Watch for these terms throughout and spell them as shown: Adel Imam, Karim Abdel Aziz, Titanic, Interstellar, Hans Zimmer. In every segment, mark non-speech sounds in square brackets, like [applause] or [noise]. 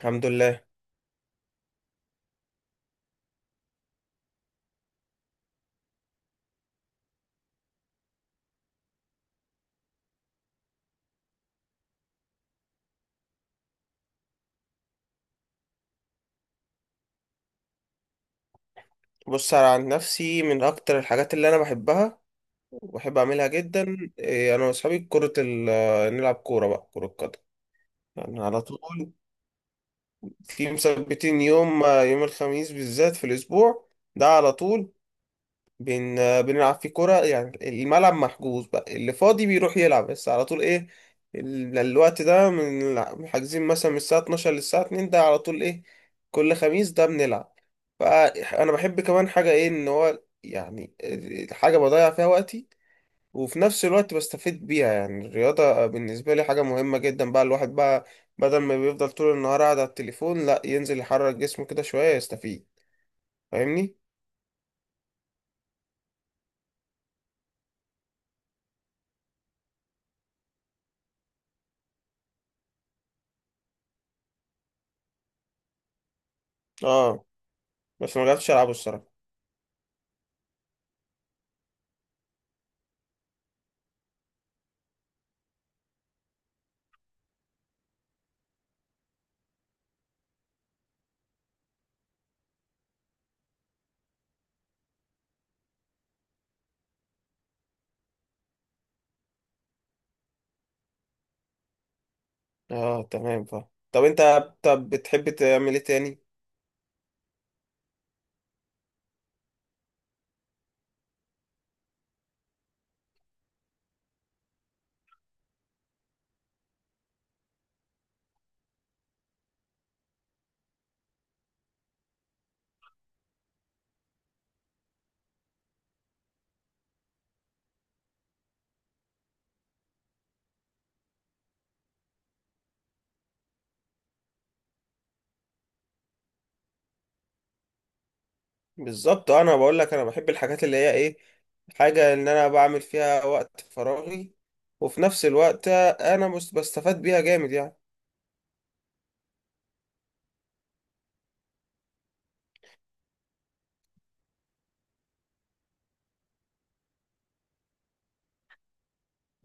الحمد لله. بص، انا عن نفسي من اكتر الحاجات اللي انا بحبها وبحب اعملها جدا إيه، انا واصحابي كرة ال آه، نلعب كورة بقى كرة قدم. يعني على طول، في مثبتين يوم يوم الخميس بالذات في الاسبوع ده على طول بن... بنلعب فيه كرة. يعني الملعب محجوز بقى، اللي فاضي بيروح يلعب بس. على طول ايه الوقت ده، حاجزين مثلا من الساعة 12 للساعة 2، ده على طول ايه. كل خميس ده بنلعب. فأنا بحب كمان حاجة ايه، ان هو يعني حاجة بضيع فيها وقتي وفي نفس الوقت بستفيد بيها. يعني الرياضة بالنسبة لي حاجة مهمة جدا بقى. الواحد بقى بدل ما بيفضل طول النهار قاعد على التليفون، لا، ينزل يحرك جسمه كده شوية يستفيد. فاهمني؟ اه. بس ما جربتش ألعبه الصراحة. اه تمام فاهم. طب انت، طب بتحب تعمل ايه تاني؟ بالظبط اه. انا بقول لك انا بحب الحاجات اللي هي ايه، حاجة ان انا بعمل فيها وقت فراغي وفي نفس الوقت انا مش بستفاد بيها جامد يعني.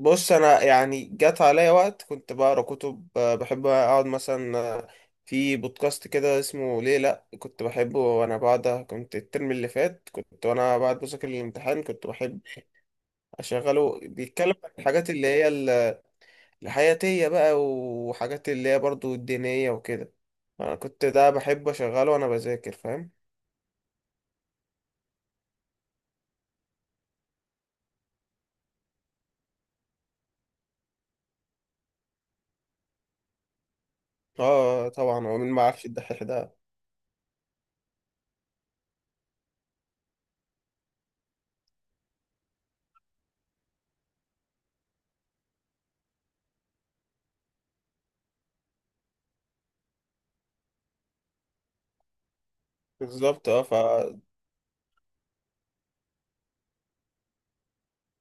بص، انا يعني جات عليا وقت كنت بقرا كتب، بحب اقعد مثلا في بودكاست كده اسمه ليه لا كنت بحبه. وانا بعد كنت الترم اللي فات، كنت وانا بعد بذاكر الامتحان كنت بحب اشغله، بيتكلم عن الحاجات اللي هي الحياتية بقى وحاجات اللي هي برضو الدينية وكده. أنا كنت ده بحب أشغله وأنا بذاكر، فاهم. اه، طبعا، هو مين ما عارفش الدحيح ده؟ بالظبط اه.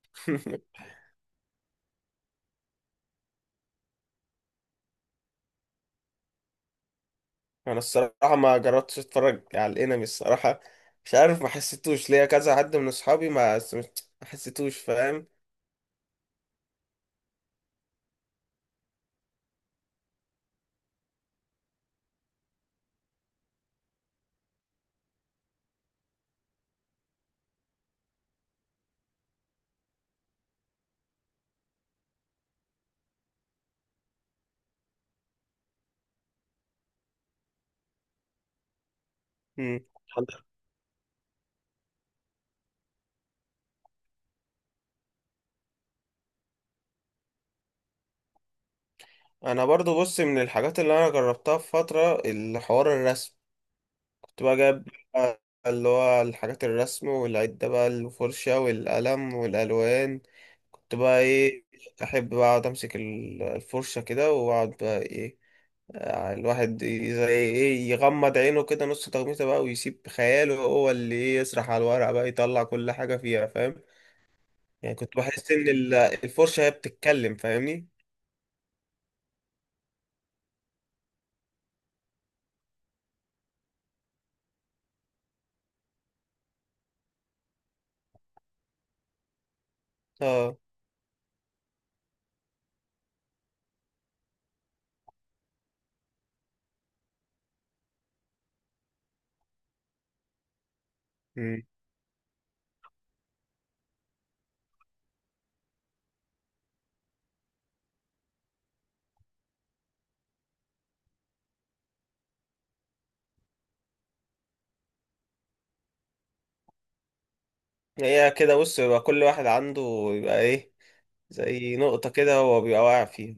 [laughs] أنا الصراحة ما جربتش أتفرج على الأنمي الصراحة. مش عارف، ما حسيتوش ليا، كذا حد من أصحابي ما حسيتوش، فاهم. مم. أنا برضو بص، من الحاجات اللي أنا جربتها في فترة الحوار الرسم. كنت بقى جايب اللي هو الحاجات، الرسم والعدة بقى، الفرشة والقلم والألوان. كنت بقى ايه، احب بقى اقعد امسك الفرشه كده واقعد بقى ايه، الواحد زي ايه، يغمض عينه كده نص تغميسه بقى ويسيب خياله هو اللي ايه، يسرح على الورق بقى، يطلع كل حاجه فيها، فاهم. يعني كنت بحس ان الفرشه هي بتتكلم، فاهمني. اه. مم. هي كده بص، يبقى كل واحد عنده يبقى ايه، زي نقطه كده هو بيبقى واقع فيها.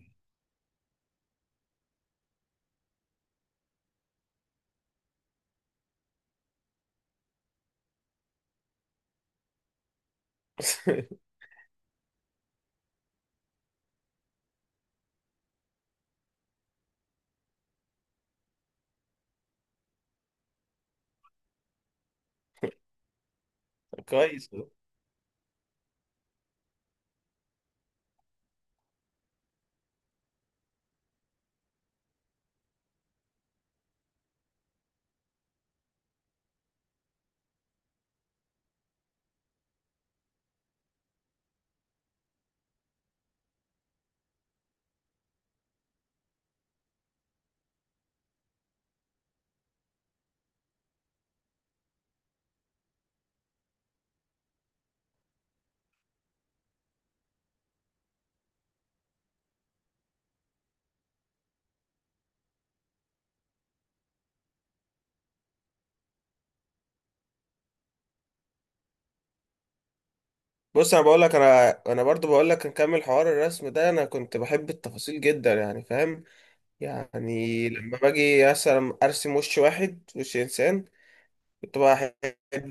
[laughs] كويس. بص انا بقول لك، انا برضو بقول لك نكمل حوار الرسم ده. انا كنت بحب التفاصيل جدا يعني، فاهم. يعني لما باجي مثلا ارسم وش واحد، وش انسان، كنت بقى احب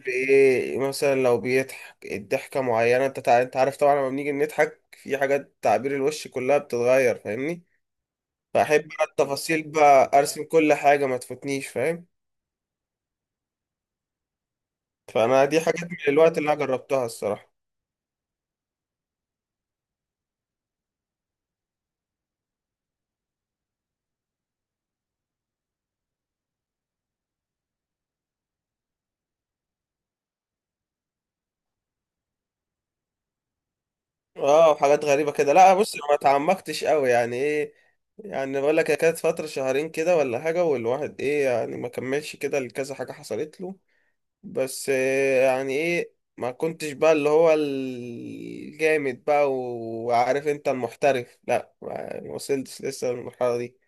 ايه، مثلا لو بيضحك الضحكه معينه، انت انت عارف طبعا لما بنيجي نضحك في حاجات تعبير الوش كلها بتتغير، فاهمني. فاحب بقى التفاصيل بقى، ارسم كل حاجه ما تفوتنيش، فاهم. فانا دي حاجات من الوقت اللي انا جربتها الصراحه. اه، وحاجات غريبة كده، لا. بص أنا ما اتعمقتش قوي يعني ايه، يعني بقول لك هي كانت فترة شهرين كده ولا حاجة، والواحد ايه يعني ما كملش كده لكذا حاجة حصلت له. بس إيه يعني ايه، ما كنتش بقى اللي هو الجامد بقى وعارف انت المحترف، لا، ما وصلتش لسه للمرحلة دي.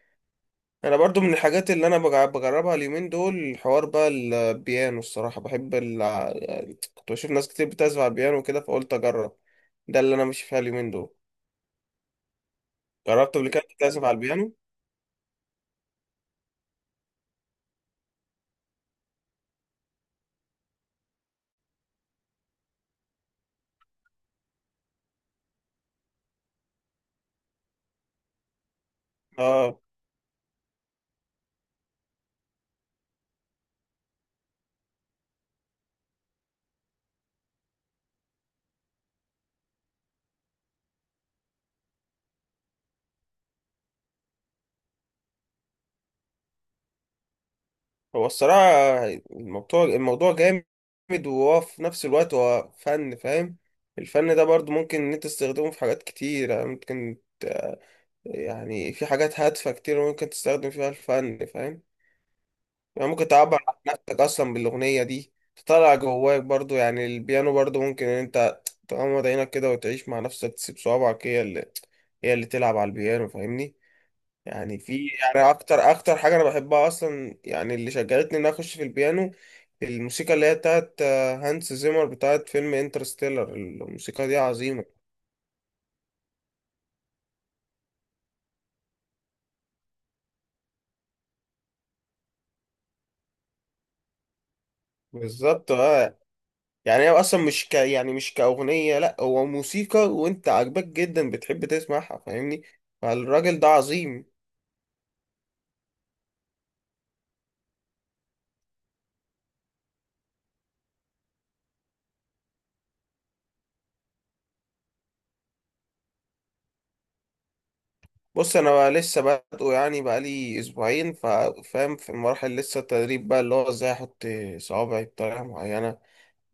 انا برضو من الحاجات اللي انا بجربها اليومين دول، حوار بقى البيانو الصراحة. بحب يعني كنت بشوف ناس كتير بتعزف على البيانو وكده، فقلت اجرب. ده اللي انا ماشي فيها اليومين دول. جربت قبل كده تعزف على البيانو؟ اه، هو الصراحة الموضوع جامد، وهو في نفس الوقت هو فن، فاهم. الفن ده برضو ممكن ان انت تستخدمه في حاجات كتير. يعني ممكن يعني في حاجات هادفة كتير ممكن تستخدم فيها الفن، فاهم. يعني ممكن تعبر عن نفسك اصلا بالاغنية دي، تطلع جواك برضو. يعني البيانو برضو ممكن ان انت تغمض عينك كده وتعيش مع نفسك، تسيب صوابعك هي اللي تلعب على البيانو، فاهمني. يعني في، يعني اكتر اكتر حاجه انا بحبها اصلا، يعني اللي شجعتني ان أنا اخش في البيانو، الموسيقى اللي هي بتاعت هانس زيمر بتاعت فيلم انترستيلر. الموسيقى دي عظيمه. بالظبط اه. يعني هي اصلا مش يعني مش كاغنيه، لا، هو موسيقى وانت عاجباك جدا بتحب تسمعها، فاهمني. فالراجل ده عظيم. بص انا بقى لسه بادئه يعني، بقالي اسبوعين، فاهم، في المراحل لسه التدريب بقى، اللي هو ازاي احط صوابعي بطريقه معينه،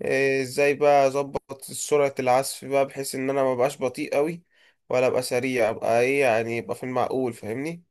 ازاي بقى اظبط سرعة العزف بقى بحيث ان انا ما بقاش بطيء قوي ولا ابقى سريع، ابقى ايه يعني يبقى في المعقول، فاهمني.